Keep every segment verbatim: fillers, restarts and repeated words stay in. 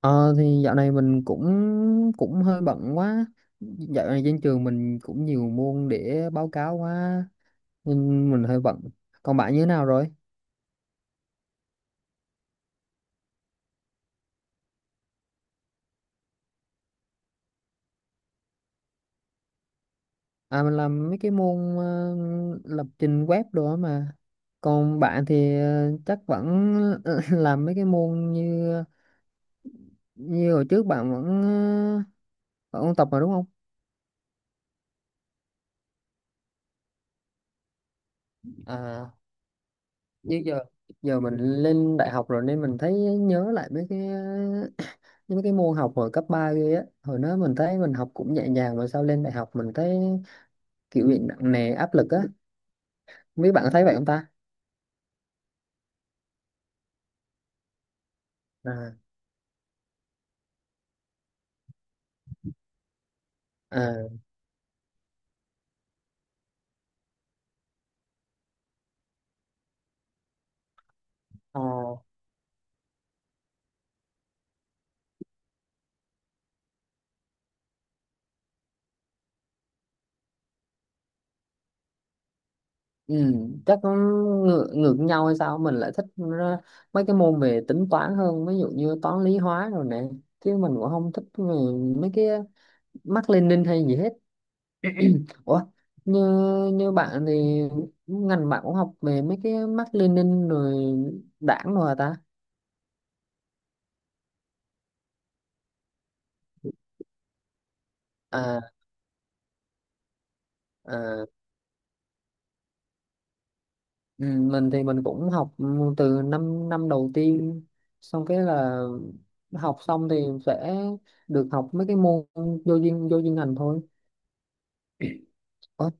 Ờ thì dạo này mình cũng cũng hơi bận quá. Dạo này trên trường mình cũng nhiều môn để báo cáo quá nên mình hơi bận. Còn bạn như thế nào rồi? À mình làm mấy cái môn ờ, lập trình web đồ á mà. Còn bạn thì ờ, chắc vẫn làm mấy cái môn như như hồi trước bạn vẫn ờ, vẫn ôn tập mà đúng không? À, như giờ giờ mình lên đại học rồi nên mình thấy nhớ lại mấy cái những cái môn học hồi cấp ba kia á. Hồi đó mình thấy mình học cũng nhẹ nhàng mà sao lên đại học mình thấy kiểu bị nặng nề áp lực á. Mấy bạn có thấy vậy không ta? À, à, ờ, ừ, chắc nó ngược, ngược nhau hay sao mình lại thích ờ, mấy cái môn về tính toán hơn, ví dụ như toán lý hóa rồi nè, chứ mình cũng không thích về mấy cái mác Lênin hay gì hết. Ủa, như như bạn thì ngành bạn cũng học về mấy cái mác Lênin rồi đảng rồi hả ta? À, à. Ừ, mình thì mình cũng học từ năm năm đầu tiên xong cái là học xong thì sẽ được học mấy cái môn vô duyên vô duyên ngành thôi. Ủa,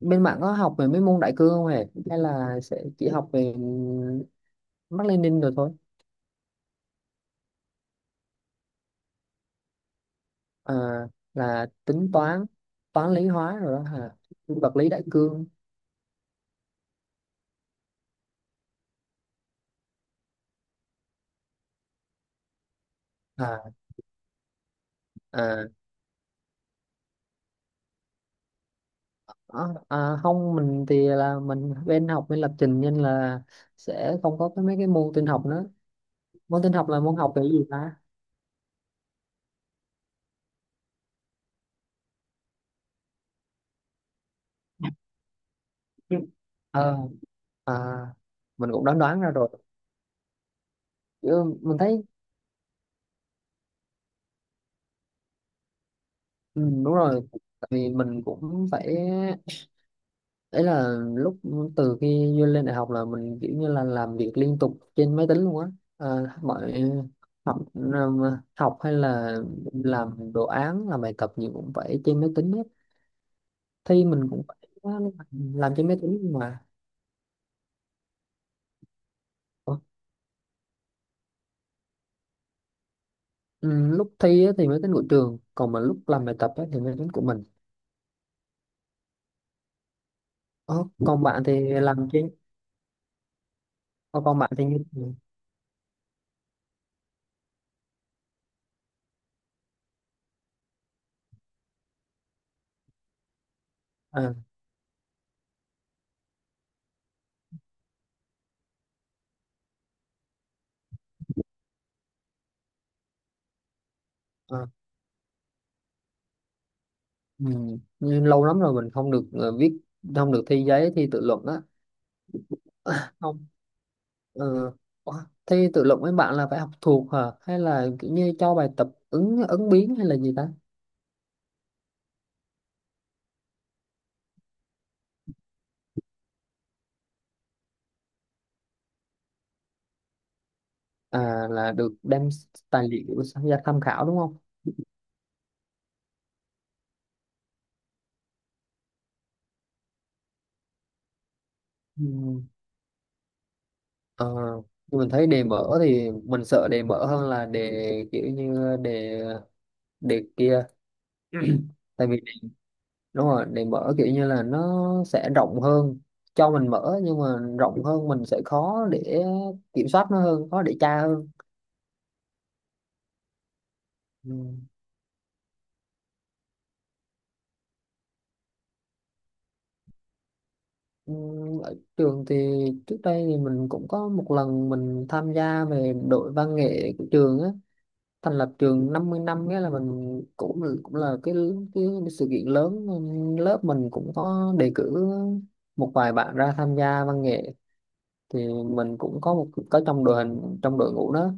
bên bạn có học về mấy môn đại cương không hề hay là sẽ chỉ học về Mác Lênin rồi thôi? À, là tính toán toán lý hóa rồi đó hả? Vật lý đại cương. À, à, ờ, à, không mình thì là mình bên học bên lập trình nên là sẽ không có cái mấy cái môn tin học nữa. Môn tin học là môn học về cái gì ta? Nhưng- ờ à, mình cũng đoán đoán ra rồi chứ mình thấy. Ừ, đúng rồi, tại vì mình cũng phải ấy là lúc từ khi vô lên đại học là mình kiểu như là làm việc liên tục trên máy tính luôn á. À, mọi học học hay là làm đồ án làm bài tập gì cũng phải trên máy tính hết. Thi mình cũng phải làm trên máy tính mà. Ủa, ừ, lúc thi á thì máy tính của trường còn mà lúc làm bài tập á thì máy tính của mình. Ờ, còn bạn thì làm chứ ờ, còn bạn thì như à, à, ừ. Như lâu lắm rồi mình không được ờ, viết không được thi giấy thi tự luận á. Không, ừ. Ủa, thi tự luận với bạn là phải học thuộc hả hay là kiểu như cho bài tập ứng ứng biến hay là gì ta? À, là được đem tài liệu sang ra tham khảo đúng không? Ừ. Ờ, nhưng mình thấy đề mở thì mình sợ đề mở hơn là đề kiểu như đề đề kia tại vì đúng rồi để mở kiểu như là nó sẽ rộng hơn cho mình mở nhưng mà rộng hơn mình sẽ khó để kiểm soát nó hơn, khó để tra hơn. Ừ. Ừ, ở trường thì trước đây thì mình cũng có một lần mình tham gia về đội văn nghệ của trường á. Thành lập trường năm mươi năm nghĩa là mình cũng cũng là cái cái sự kiện lớn. Lớp mình cũng có đề cử một vài bạn ra tham gia văn nghệ thì mình cũng có một có trong đội hình trong đội ngũ đó.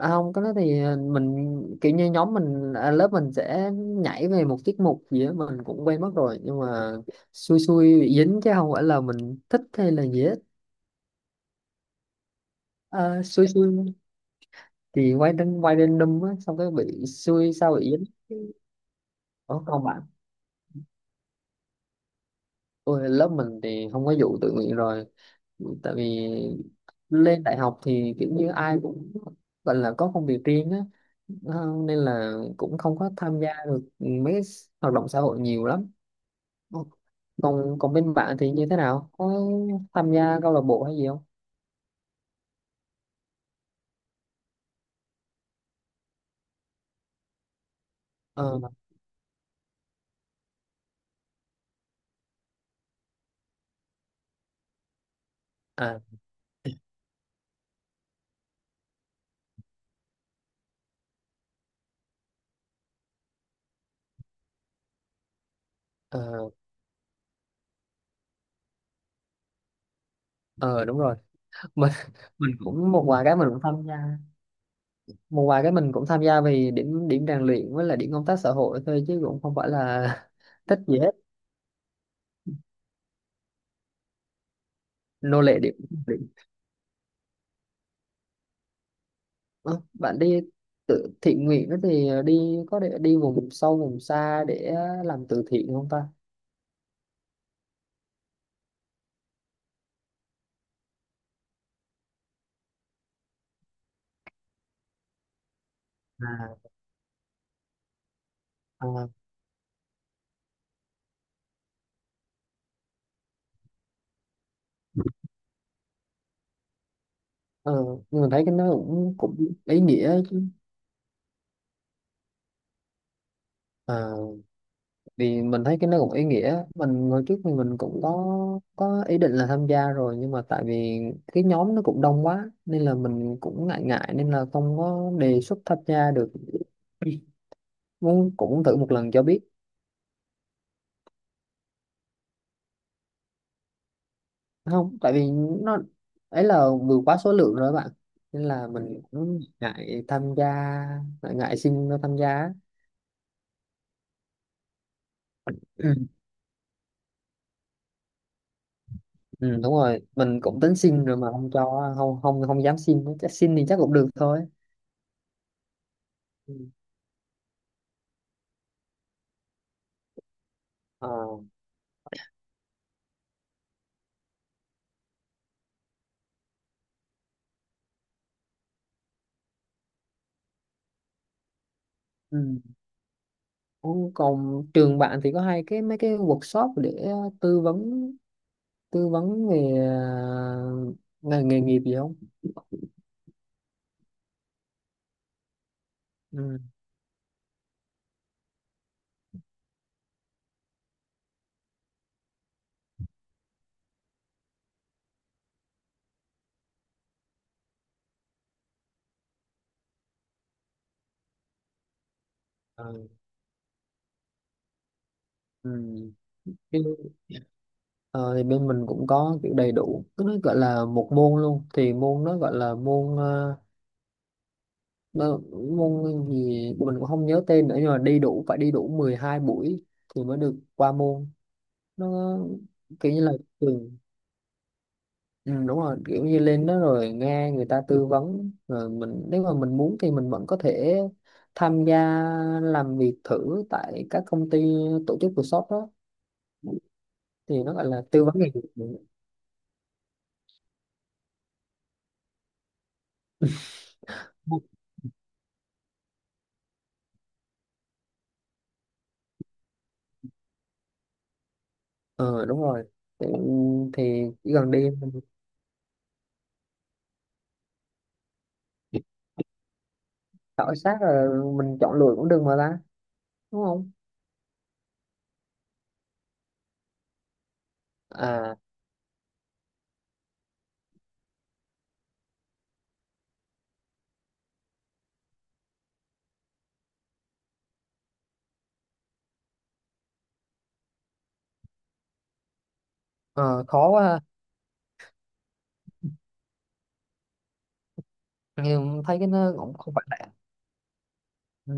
À, không cái đó thì ờ, mình kiểu như nhóm mình à, lớp mình sẽ nhảy về một tiết mục gì đó mình cũng quen mất rồi nhưng mà xui xui bị dính chứ không phải là mình thích hay là gì hết. Ờ, xui xui thì quay đến quay random á xong cái bị xui sao bị dính. Ủa, không bạn. Ôi, lớp mình thì không có vụ tự nguyện rồi tại vì lên đại học thì kiểu như ai cũng gọi là có công việc riêng á. Ờ, nên là cũng không có tham gia được mấy cái hoạt động xã hội nhiều lắm. Ồ, còn còn bên bạn thì như thế nào, có tham gia câu lạc bộ hay gì không? Ờ, à ờ ờ đúng rồi mình mình cũng một vài cái mình cũng tham gia một vài cái mình cũng tham gia vì điểm điểm rèn luyện với là điểm công tác xã hội thôi chứ cũng không phải là thích gì hết. Nô lệ điểm, điểm. Ờ, bạn đi tự thiện nguyện đó thì đi có để đi vùng sâu vùng xa để làm từ thiện không ta? À, à. Ờ, nhưng mà thấy cái nó cũng cũng ý nghĩa chứ. Ờ. Thì mình thấy cái nó cũng ý nghĩa. Mình hồi trước thì mình cũng có có ý định là tham gia rồi nhưng mà tại vì cái nhóm nó cũng đông quá nên là mình cũng ngại ngại nên là không có đề xuất tham gia được, muốn cũng thử một lần cho biết. Không, tại vì nó ấy là vừa quá số lượng rồi các bạn nên là mình cũng ngại tham gia. Ngại, ngại xin nó tham gia á. Ừ. Ừ, đúng rồi mình cũng tính xin rồi mà không cho không không không dám xin, chắc xin thì chắc cũng được thôi. Ừ. Ờ. Ừ. Ồ, còn trường bạn thì có hay cái mấy cái workshop để ờ, tư vấn tư vấn về à, nghề, nghề nghiệp gì không? Ừ. Ờ. Ừ. Chứ, ờ, thì bên mình cũng có kiểu đầy đủ cái nó gọi là một môn luôn thì môn nó gọi là môn ờ, nó, môn gì mình cũng không nhớ tên nữa nhưng mà đi đủ phải đi đủ mười hai buổi thì mới được qua môn. Nó kiểu như là trường. Ừ, đúng rồi kiểu như lên đó rồi nghe người ta tư vấn rồi mình nếu mà mình muốn thì mình vẫn có thể tham gia làm việc thử tại các công ty tổ chức workshop đó thì nó gọi là tư vấn nghề nghiệp. Ờ, đúng rồi. Thì, thì chỉ cần đi mình khảo sát rồi mình chọn lựa cũng được mà ta, đúng không? À. Ờ, khó quá ha. Nhưng thấy cái nó cũng không phải là. Ừ,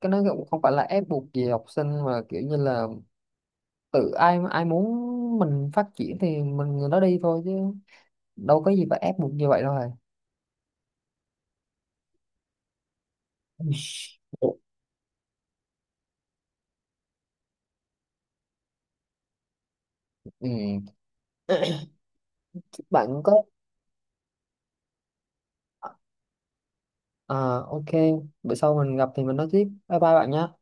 cái nó cũng không phải là ép buộc gì học sinh mà kiểu như là tự ai ai muốn mình phát triển thì mình người đó đi thôi chứ đâu có gì phải ép buộc như vậy đâu rồi. Ừ, chúc bạn có. Ờ, ok, bữa sau mình gặp thì mình nói tiếp, bye bye bạn nha.